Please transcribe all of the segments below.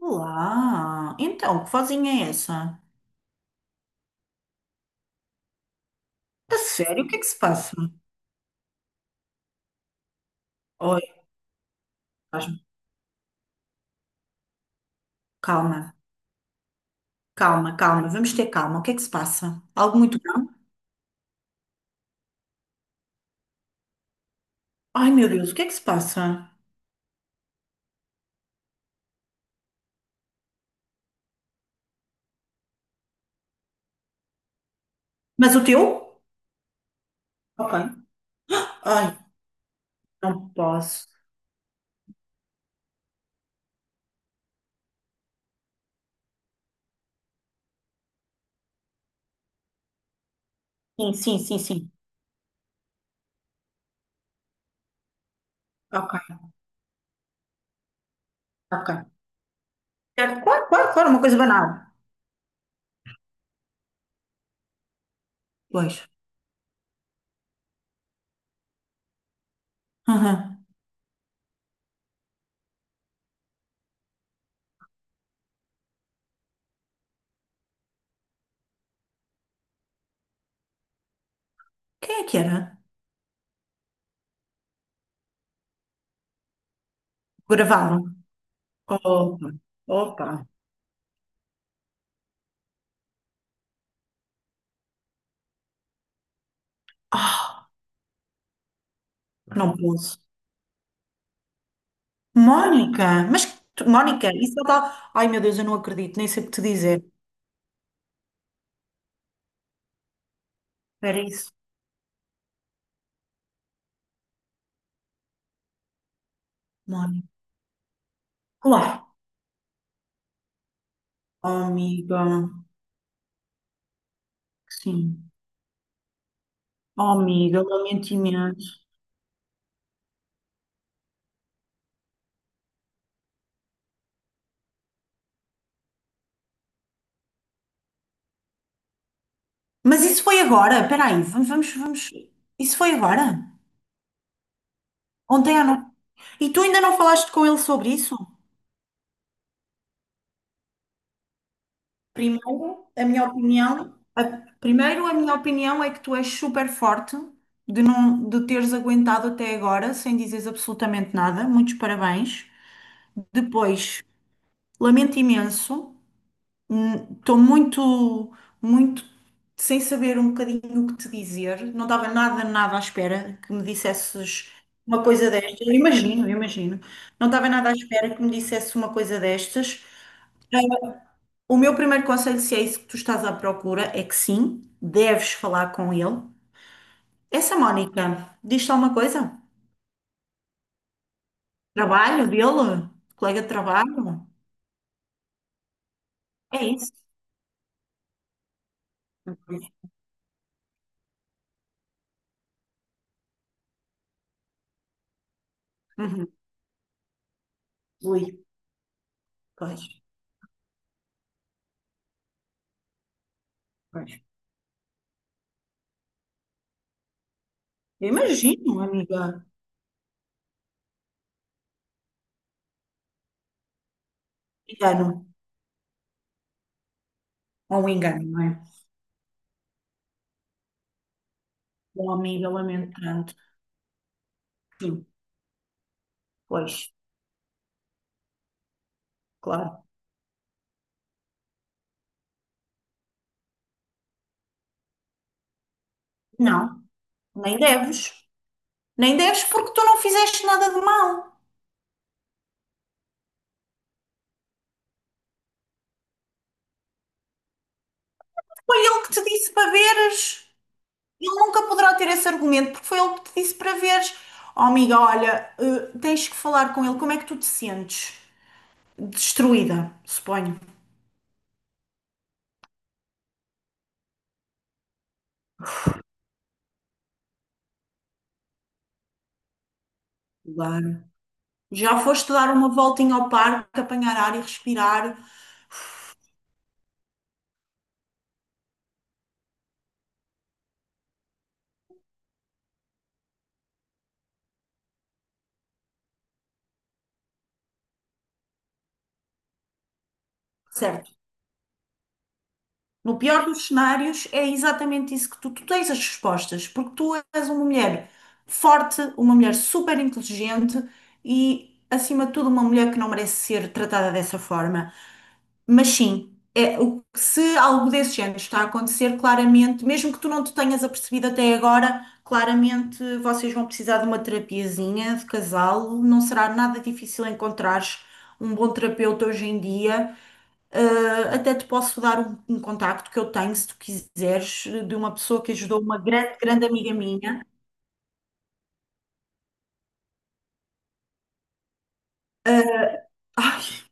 Olá, então, que vozinha é essa? A sério, o que é que se passa? Oi, pasmo. Calma, calma, calma, vamos ter calma, o que é que se passa? Algo muito grave? Ai, meu Deus, o que é que se passa? Mas o teu? Ok. Ai, não posso. Sim, sim, sim, sim. Ok, ok. Certo, Claro, claro, claro, uma coisa banal. Pois. Aham. Quem é que era? Gravaram. Opa, opa. Ah, não posso. Mónica, mas Mónica, isso é tal. Ai meu Deus, eu não acredito, nem sei o que te dizer. Era isso, Mónica. Claro. Oh, amiga, sim. Oh, amiga, lamento imenso. Mas isso foi agora? Espera aí, vamos, vamos, vamos. Isso foi agora? Ontem à noite. E tu ainda não falaste com ele sobre isso? Primeiro, a minha opinião. A- Primeiro, a minha opinião é que tu és super forte de não de teres aguentado até agora sem dizeres absolutamente nada. Muitos parabéns. Depois. Lamento imenso, estou muito, muito sem saber um bocadinho o que te dizer. Não estava nada, nada à espera que me dissesses uma coisa destas. Eu imagino, eu imagino. Não estava nada à espera que me dissesse uma coisa destas. O meu primeiro conselho, se é isso que tu estás à procura, é que sim, deves falar com ele. Essa Mónica, diz-te alguma coisa? Trabalho dele? Colega de trabalho? É isso. Uhum. Ui, pois, pois. Eu imagino, amiga. Engano, ou um engano, não é? Um amigalamento tanto. Sim, pois, claro. Não, nem deves. Nem deves porque tu não fizeste nada de mal. Foi ele que te disse para veres. Ele nunca poderá ter esse argumento porque foi ele que te disse para veres. Oh, amiga, olha, tens que falar com ele. Como é que tu te sentes? Destruída, suponho. Claro. Já foste dar uma voltinha ao parque, apanhar ar e respirar. Certo. No pior dos cenários, é exatamente isso que tu tens as respostas, porque tu és uma mulher forte, uma mulher super inteligente e, acima de tudo, uma mulher que não merece ser tratada dessa forma. Mas sim, é, se algo desse género está a acontecer, claramente, mesmo que tu não te tenhas apercebido até agora, claramente vocês vão precisar de uma terapiazinha de casal. Não será nada difícil encontrares um bom terapeuta hoje em dia. Até te posso dar um contacto que eu tenho, se tu quiseres, de uma pessoa que ajudou uma grande, grande amiga minha.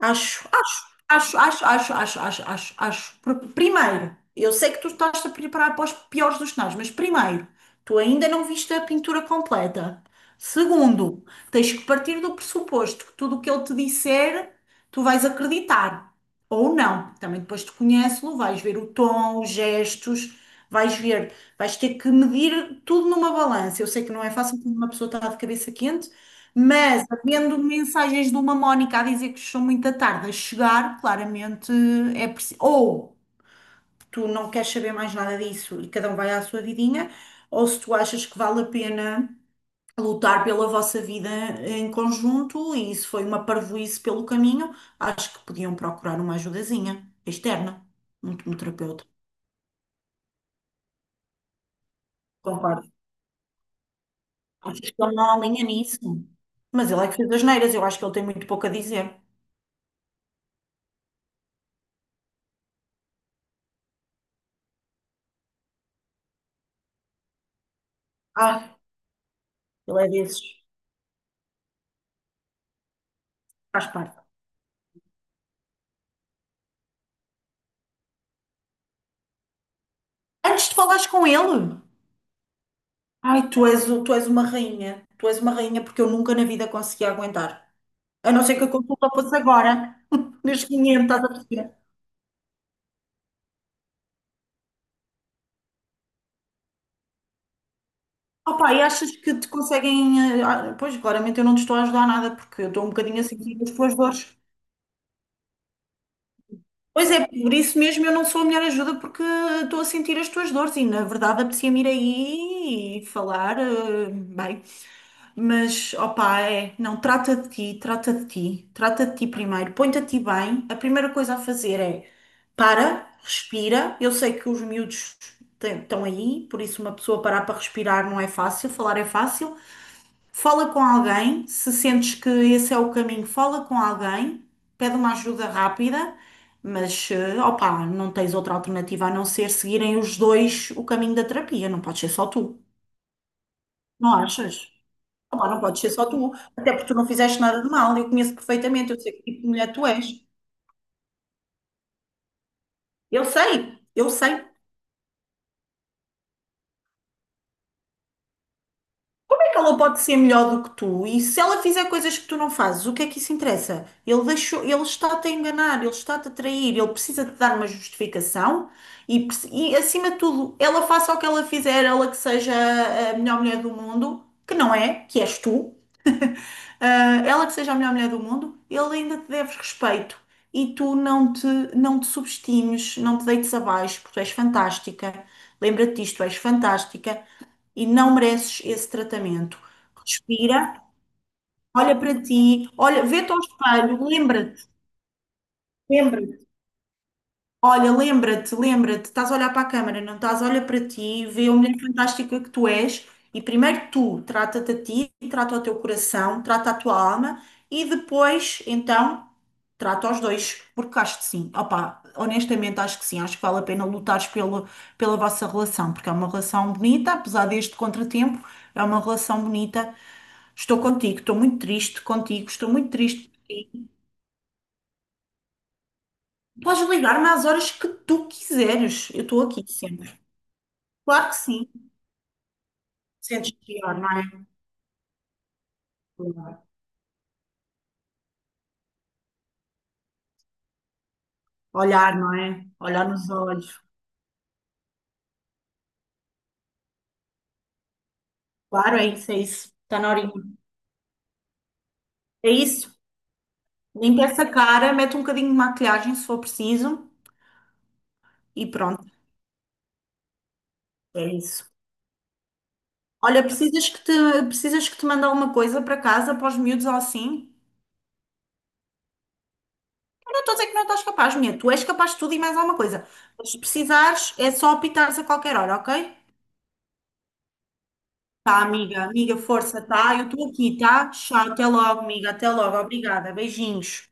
Acho, acho, acho, acho, acho, acho, acho, acho, acho. Porque, primeiro, eu sei que tu estás a preparar para os piores dos cenários, mas primeiro, tu ainda não viste a pintura completa. Segundo, tens que partir do pressuposto que tudo o que ele te disser, tu vais acreditar. Ou não. Também depois te conhece-lo, vais ver o tom, os gestos, vais ver, vais ter que medir tudo numa balança. Eu sei que não é fácil quando uma pessoa está de cabeça quente. Mas, havendo mensagens de uma Mónica a dizer que são muito à tarde a chegar, claramente é preciso. Ou tu não queres saber mais nada disso e cada um vai à sua vidinha, ou se tu achas que vale a pena lutar pela vossa vida em conjunto e isso foi uma parvoíce pelo caminho, acho que podiam procurar uma ajudazinha externa, um terapeuta. Concordo. Acho que ele não alinha nisso? Mas ele é que fez as neiras, eu acho que ele tem muito pouco a dizer. Ah, ele é desses. Faz parte. Antes de falares com ele? Ai, tu és uma rainha. Tu és uma rainha porque eu nunca na vida consegui aguentar. A não ser que a consulta fosse agora. Neste momento, estás a perceber? Opa, e achas que te conseguem. Pois, claramente eu não te estou a ajudar nada porque eu estou um bocadinho a sentir as tuas dores. Pois é, por isso mesmo eu não sou a melhor ajuda porque estou a sentir as tuas dores e na verdade apetecia-me ir aí e falar, bem. Mas, opá, é, não, trata de ti, trata de ti, trata de ti primeiro, põe-te a ti bem. A primeira coisa a fazer é para, respira. Eu sei que os miúdos estão aí, por isso uma pessoa parar para respirar não é fácil, falar é fácil. Fala com alguém, se sentes que esse é o caminho, fala com alguém, pede uma ajuda rápida, mas, opá, não tens outra alternativa a não ser seguirem os dois o caminho da terapia, não pode ser só tu, não achas? Opa, não pode ser só tu, até porque tu não fizeste nada de mal, eu conheço perfeitamente, eu sei que tipo de mulher tu és. Eu sei, eu sei. Como é que ela pode ser melhor do que tu? E se ela fizer coisas que tu não fazes, o que é que isso interessa? Ele deixou, ele está-te a enganar, ele está-te a trair, ele precisa te dar uma justificação e, e, acima de tudo, ela faça o que ela fizer, ela que seja a melhor mulher do mundo, que não é, que és tu. Ah, ela que seja a melhor mulher do mundo, ele ainda te deve respeito e tu não te, não te subestimes, não te deites abaixo, porque tu és fantástica. Lembra-te disto, tu és fantástica e não mereces esse tratamento. Respira, olha para ti, olha, vê-te ao espelho, lembra-te, lembra-te. Olha, lembra-te, lembra-te, estás a olhar para a câmara, não estás a olhar para ti, vê a mulher fantástica que tu és, e primeiro tu trata-te a ti, trata o teu coração, trata a tua alma, e depois, então, trata os dois, porque acho que sim, opá, honestamente acho que sim, acho que vale a pena lutares pelo, pela vossa relação, porque é uma relação bonita, apesar deste contratempo, é uma relação bonita. Estou contigo, estou muito triste contigo, estou muito triste por ti. Podes ligar-me às horas que tu quiseres, eu estou aqui sempre. Claro que sim. Sentes pior, não é? Claro. Olhar, não é? Olhar nos olhos. Claro, é isso, é isso. Está na horinha. É isso. Limpa essa cara, mete um bocadinho de maquilhagem se for preciso e pronto. É isso. Olha, precisas que te mande alguma coisa para casa, para os miúdos ou assim? Eu não estou a dizer que não estás capaz, minha. Tu és capaz de tudo e mais alguma coisa. Mas se precisares, é só apitares a qualquer hora, ok? Tá, amiga, amiga, força, tá? Eu estou aqui, tá? Tchau, até logo, amiga, até logo. Obrigada, beijinhos.